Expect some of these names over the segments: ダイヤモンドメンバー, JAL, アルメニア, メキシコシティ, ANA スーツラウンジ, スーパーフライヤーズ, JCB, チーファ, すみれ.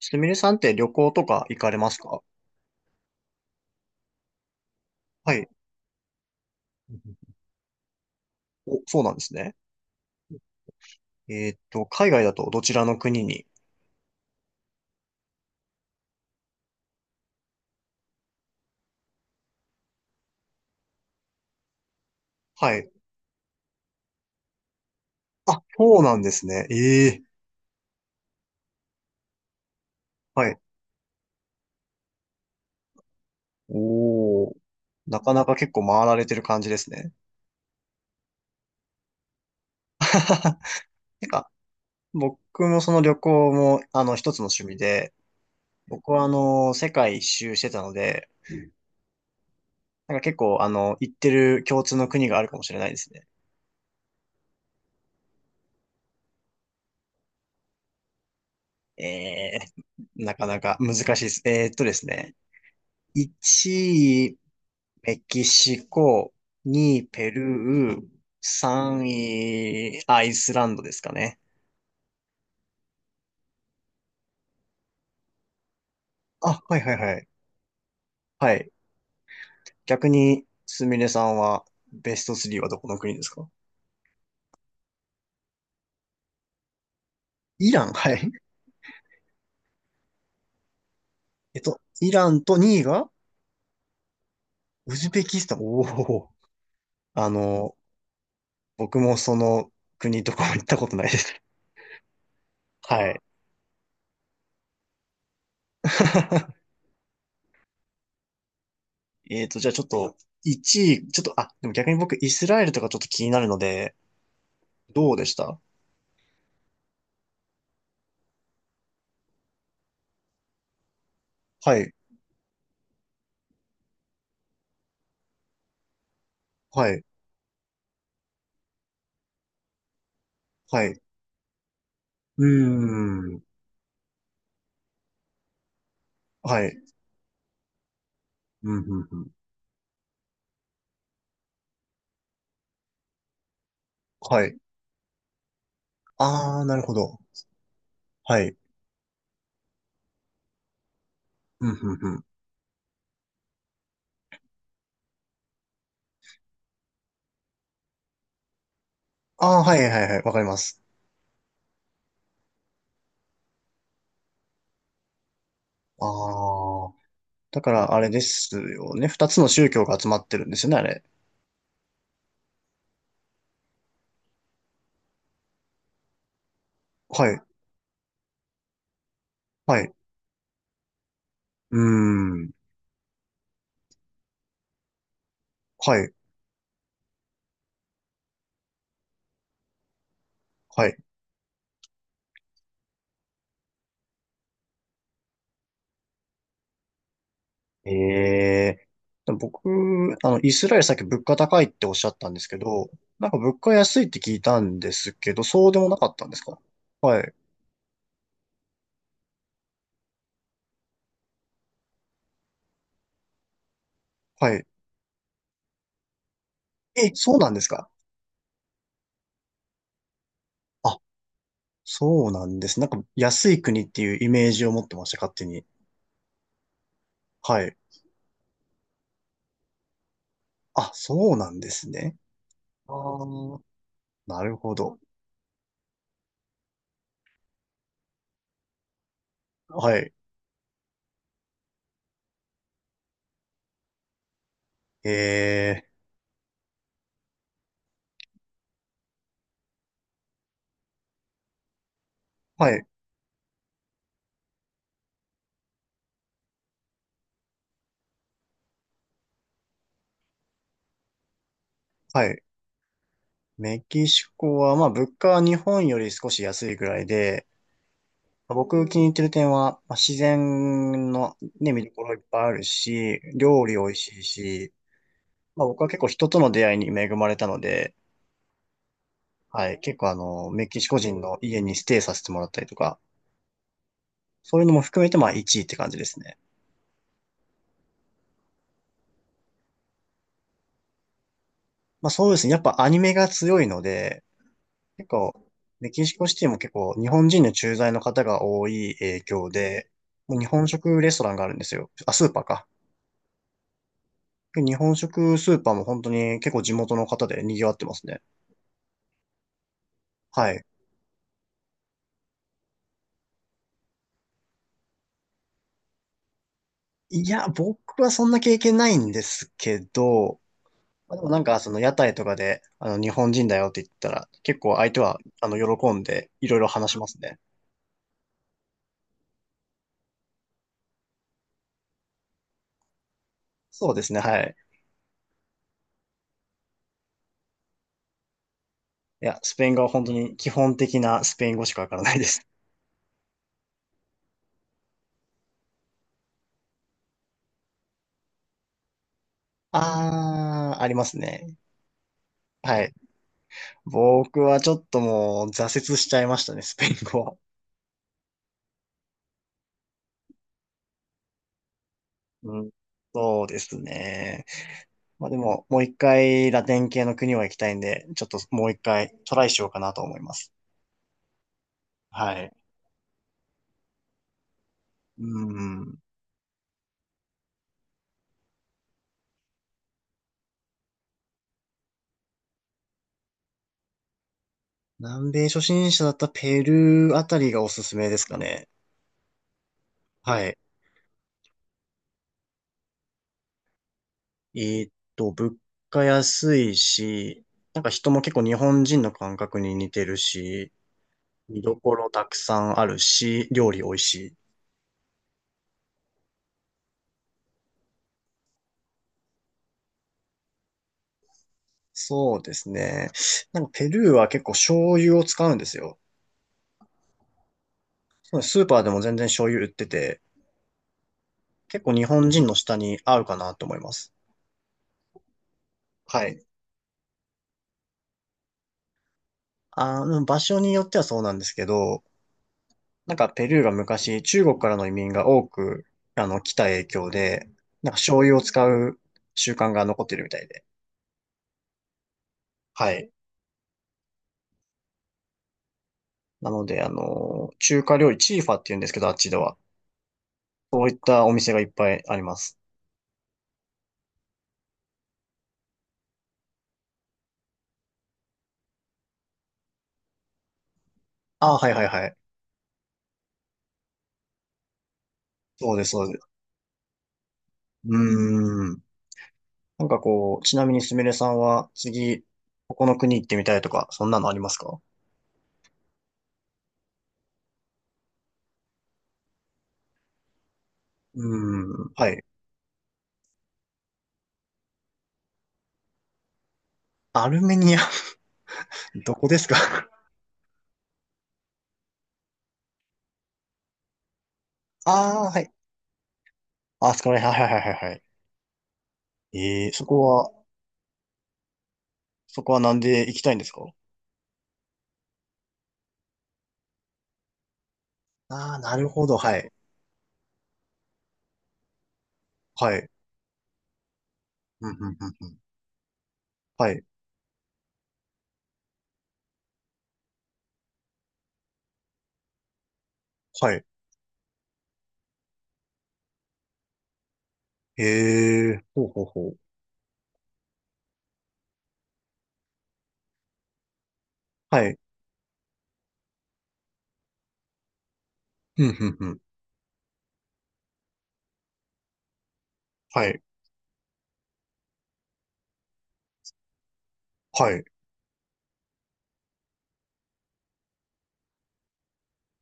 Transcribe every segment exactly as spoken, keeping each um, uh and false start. すみれさんって旅行とか行かれますか？はい。お、そうなんですね。えーっと、海外だとどちらの国に？はい。あ、そうなんですね。ええ、はい。おー。なかなか結構回られてる感じですね。なんか、僕もその旅行も、あの、一つの趣味で、僕はあの、世界一周してたので、なんか結構、あの、行ってる共通の国があるかもしれないですね。ええ、なかなか難しいです。えーっとですね。いちい、メキシコ、に、ペルー、さんい、アイスランドですかね。あ、はいはいはい。はい。逆に、すみれさんは、ベストさんはどこの国ですか？イラン、はい。えっと、イランとにいが、ウズベキスタン。おお。あの、僕もその国とかも行ったことないです。はい。えっと、じゃあちょっと、いちい、ちょっと、あ、でも逆に僕、イスラエルとかちょっと気になるので、どうでした？はい、はい、はい。うーん。はい。うん、うん、うん。はい。あー、なるほど。はい。うん、うん、うん。ああ、はいはいはい、わかります。ああ、だからあれですよね。二つの宗教が集まってるんですよね、あれ。はい、はい、うーん。はい、はい。ええ。でも僕、あの、イスラエルさっき物価高いっておっしゃったんですけど、なんか物価安いって聞いたんですけど、そうでもなかったんですか？はい、はい。え、そうなんですか？あ、そうなんです。なんか安い国っていうイメージを持ってました、勝手に。はい。あ、そうなんですね。ああ、なるほど。はい。えー、はい、はい。メキシコは、まあ、物価は日本より少し安いぐらいで、僕気に入ってる点は、まあ、自然のね、見どころいっぱいあるし、料理美味しいし、まあ、僕は結構人との出会いに恵まれたので、はい。結構あの、メキシコ人の家にステイさせてもらったりとか、そういうのも含めて、まあいちいって感じですね。まあそうですね。やっぱアニメが強いので、結構、メキシコシティも結構日本人の駐在の方が多い影響で、もう日本食レストランがあるんですよ。あ、スーパーか。で日本食スーパーも本当に結構地元の方で賑わってますね。はい。いや、僕はそんな経験ないんですけど、まあ、でもなんかその屋台とかで、あの日本人だよって言ったら、結構相手はあの喜んでいろいろ話しますね。そうですね、はい。いや、スペイン語は本当に基本的なスペイン語しかわからないです。あー、ありますね。はい。僕はちょっともう挫折しちゃいましたね、スペイン語は。うん、そうですね。まあでも、もう一回ラテン系の国は行きたいんで、ちょっともう一回トライしようかなと思います。はい。うん。南米初心者だったペルーあたりがおすすめですかね。はい。えーっと、物価安いし、なんか人も結構日本人の感覚に似てるし、見どころたくさんあるし、料理美味しい。そうですね。なんかペルーは結構醤油を使うんですよ。スーパーでも全然醤油売ってて、結構日本人の舌に合うかなと思います。はい。あの、場所によってはそうなんですけど、なんかペルーが昔中国からの移民が多く、あの、来た影響で、なんか醤油を使う習慣が残ってるみたいで。はい。なので、あの、中華料理、チーファって言うんですけど、あっちでは。こういったお店がいっぱいあります。ああ、はいはいはい。そうです、そうです。うーん。なんかこう、ちなみにすみれさんは、次、ここの国行ってみたいとか、そんなのありますか？うーん。はい。アルメニア、どこですか？ ああ、はい。あそこら辺、はいはいはいはいはい。ええー、そこは、そこはなんで行きたいんですか？ああー、なるほど、はい。はい。うん、うん、うん、うん。はい、はい。ええー、ほうほうほう。はい。うん、うん、うん。はい。はい。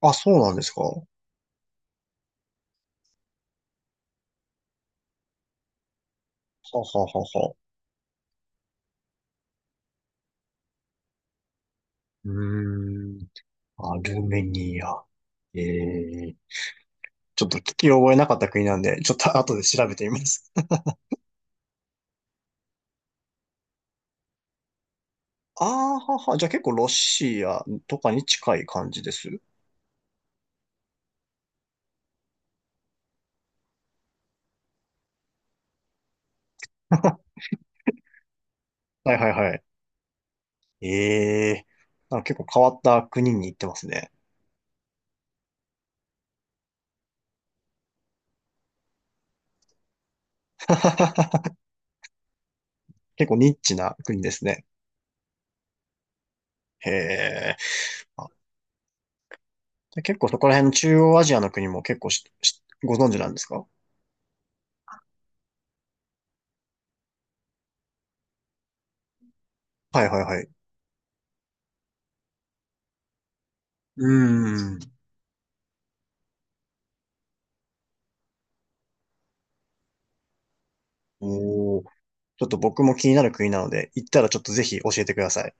あ、そうなんですか。はははは。うーん。アルメニア。ええ、ちょっと聞き覚えなかった国なんで、ちょっと 後で調べてみます。ああ、はは。じゃあ結構ロシアとかに近い感じです。はいはいはい。ええ、なんか結構変わった国に行ってますね。結構ニッチな国ですね。へえ。あ、で結構そこら辺の中央アジアの国も結構ししご存知なんですか？はいはいはい。うーん。おお。ちょっと僕も気になる国なので、行ったらちょっとぜひ教えてください。